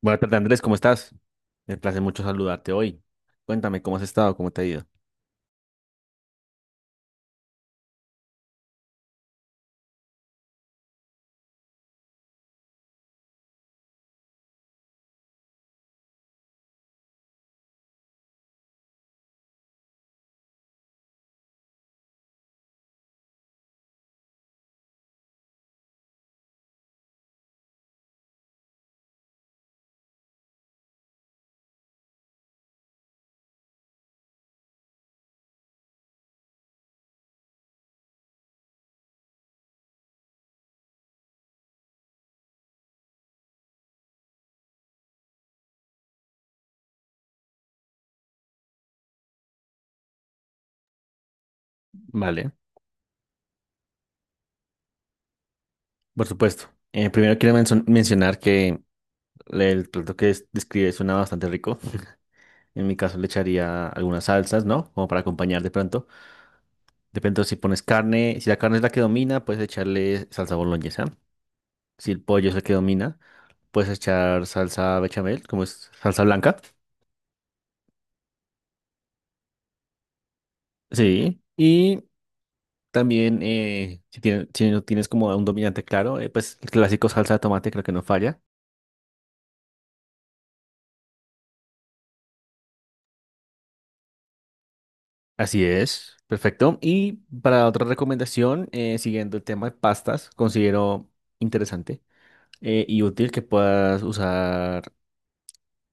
Buenas tardes, Andrés, ¿cómo estás? Me place mucho saludarte hoy. Cuéntame, ¿cómo has estado? ¿Cómo te ha ido? Vale, por supuesto. Primero quiero mencionar que el plato que describe suena bastante rico. En mi caso le echaría algunas salsas, ¿no? Como para acompañar de pronto. De pronto si pones carne, si la carne es la que domina, puedes echarle salsa boloñesa. Si el pollo es el que domina, puedes echar salsa bechamel, como es salsa blanca. Sí. Y también, si, si no tienes como un dominante claro, pues el clásico salsa de tomate creo que no falla. Así es, perfecto. Y para otra recomendación, siguiendo el tema de pastas, considero interesante y útil que puedas usar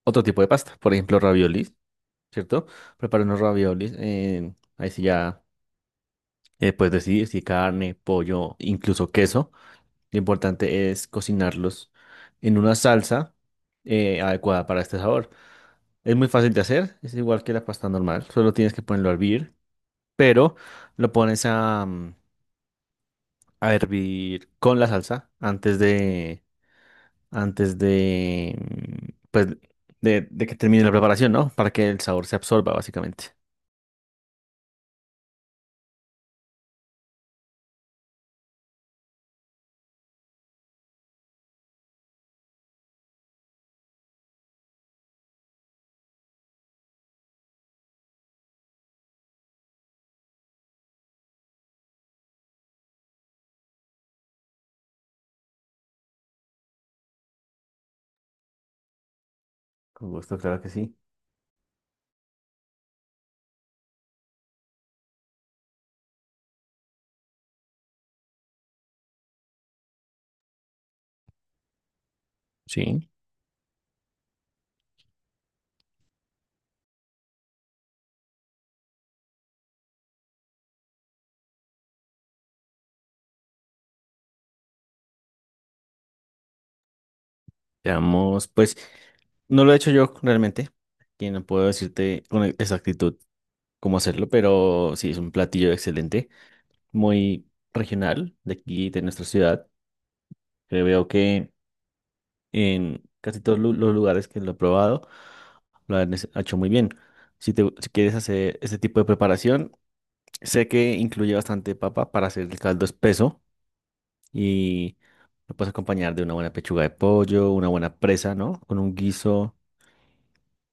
otro tipo de pasta, por ejemplo, raviolis, ¿cierto? Prepara unos raviolis, ahí sí ya puedes decidir si carne, pollo, incluso queso. Lo importante es cocinarlos en una salsa adecuada para este sabor. Es muy fácil de hacer, es igual que la pasta normal, solo tienes que ponerlo a hervir, pero lo pones a, a hervir con la salsa antes de, de, que termine la preparación, ¿no? Para que el sabor se absorba, básicamente. Con gusto, claro que sí. Sí, veamos, pues no lo he hecho yo realmente, que no puedo decirte con exactitud cómo hacerlo, pero sí, es un platillo excelente, muy regional de aquí, de nuestra ciudad, que veo que en casi todos los lugares que lo he probado lo han hecho muy bien. Si te, si quieres hacer este tipo de preparación, sé que incluye bastante papa para hacer el caldo espeso y lo puedes acompañar de una buena pechuga de pollo, una buena presa, ¿no? Con un guiso.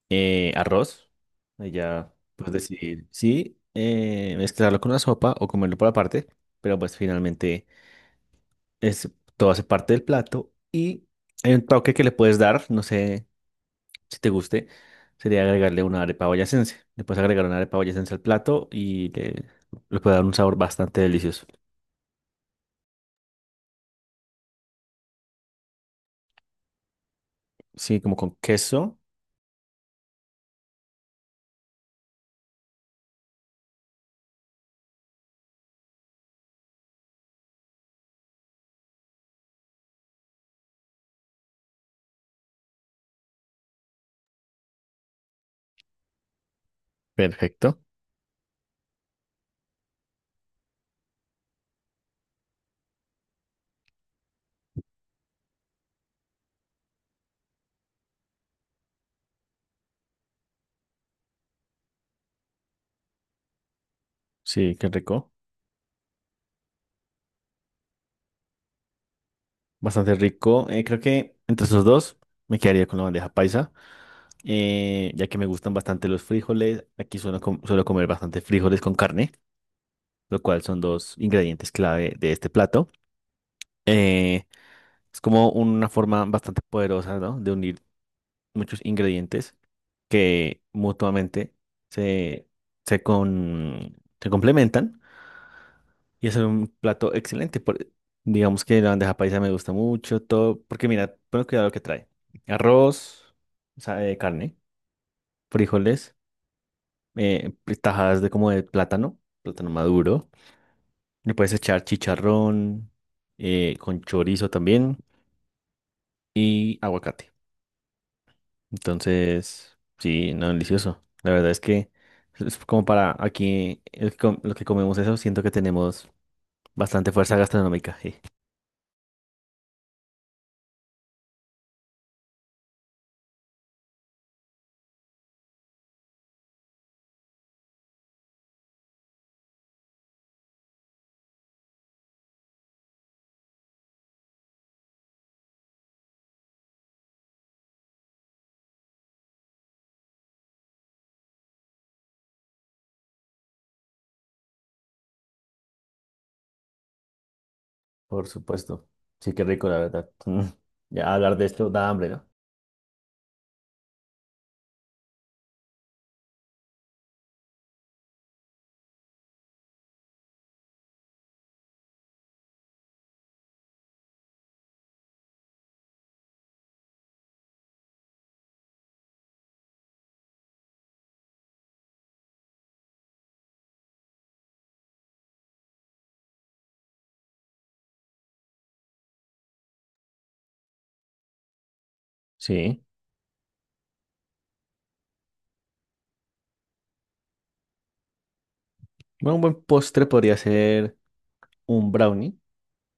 Arroz. Allá puedes decidir si mezclarlo con una sopa o comerlo por aparte, pero pues finalmente es, todo hace parte del plato y hay un toque que le puedes dar, no sé si te guste, sería agregarle una arepa boyacense. Le puedes agregar una arepa boyacense al plato y le puede dar un sabor bastante delicioso. Sí, como con queso. Perfecto. Sí, qué rico. Bastante rico. Creo que entre esos dos me quedaría con la bandeja paisa. Ya que me gustan bastante los frijoles. Aquí suelo, suelo comer bastante frijoles con carne, lo cual son dos ingredientes clave de este plato. Eh, es como una forma bastante poderosa, ¿no? De unir muchos ingredientes que mutuamente se, se, con- se complementan y hacer un plato excelente. Digamos que la bandeja paisa me gusta mucho, todo, porque mira, pon cuidado lo que trae. Arroz, o sea, carne, frijoles. eh, Tajadas de como de plátano, plátano maduro. Le puedes echar chicharrón con chorizo también y aguacate. Entonces, sí, no, delicioso. La verdad es que es como para aquí el que los que comemos eso, siento que tenemos bastante fuerza gastronómica. Sí. Por supuesto. Sí, qué rico, la verdad. Mm. Ya hablar de esto da hambre, ¿no? Sí. Bueno, un buen postre podría ser un brownie.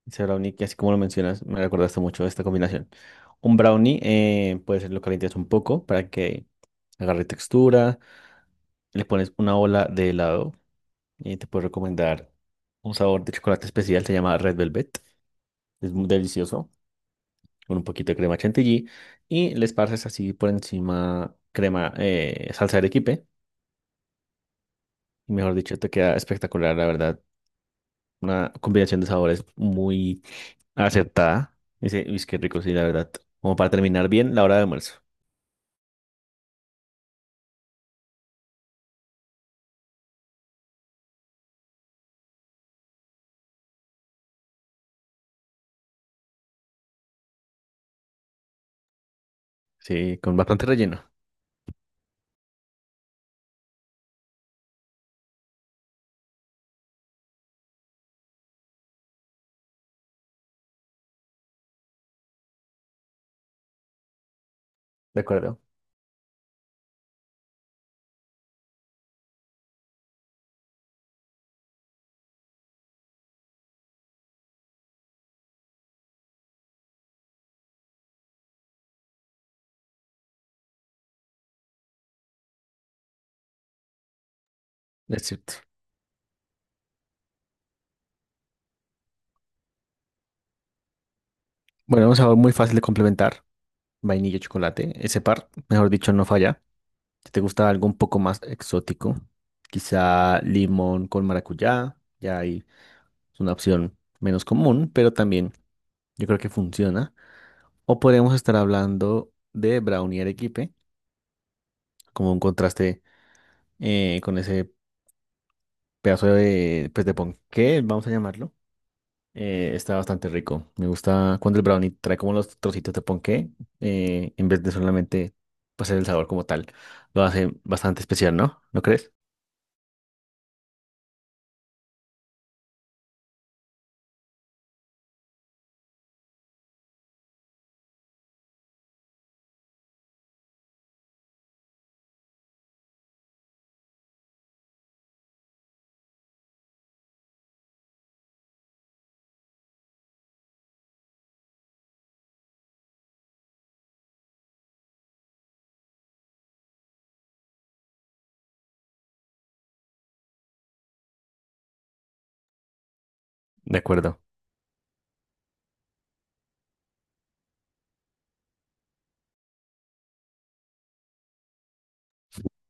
Ese brownie, que así como lo mencionas, me recordaste mucho esta combinación. Un brownie, pues lo calientas un poco para que agarre textura. Le pones una ola de helado y te puedo recomendar un sabor de chocolate especial, se llama Red Velvet. Es muy delicioso, con un poquito de crema chantilly. Y le esparces así por encima crema, salsa de arequipe. Y mejor dicho, te queda espectacular, la verdad. Una combinación de sabores muy acertada. Dice, uy, qué rico, sí, la verdad. Como para terminar bien la hora de almuerzo. Sí, con bastante relleno. De acuerdo. Es cierto. Bueno, un sabor muy fácil de complementar. Vainilla y chocolate. Ese par, mejor dicho, no falla. Si te gusta algo un poco más exótico, quizá limón con maracuyá. Ya ahí es una opción menos común, pero también yo creo que funciona. O podríamos estar hablando de brownie arequipe, como un contraste con ese pedazo de, pues, de ponqué, vamos a llamarlo. Está bastante rico. Me gusta cuando el brownie trae como los trocitos de ponqué, en vez de solamente pasar el sabor como tal. Lo hace bastante especial, ¿no? ¿No crees? De acuerdo.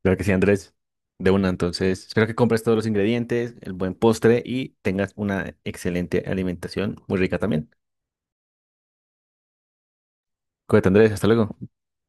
Claro que sí, Andrés. De una, entonces. Espero que compres todos los ingredientes, el buen postre y tengas una excelente alimentación, muy rica también. Cuídate, Andrés. Hasta luego.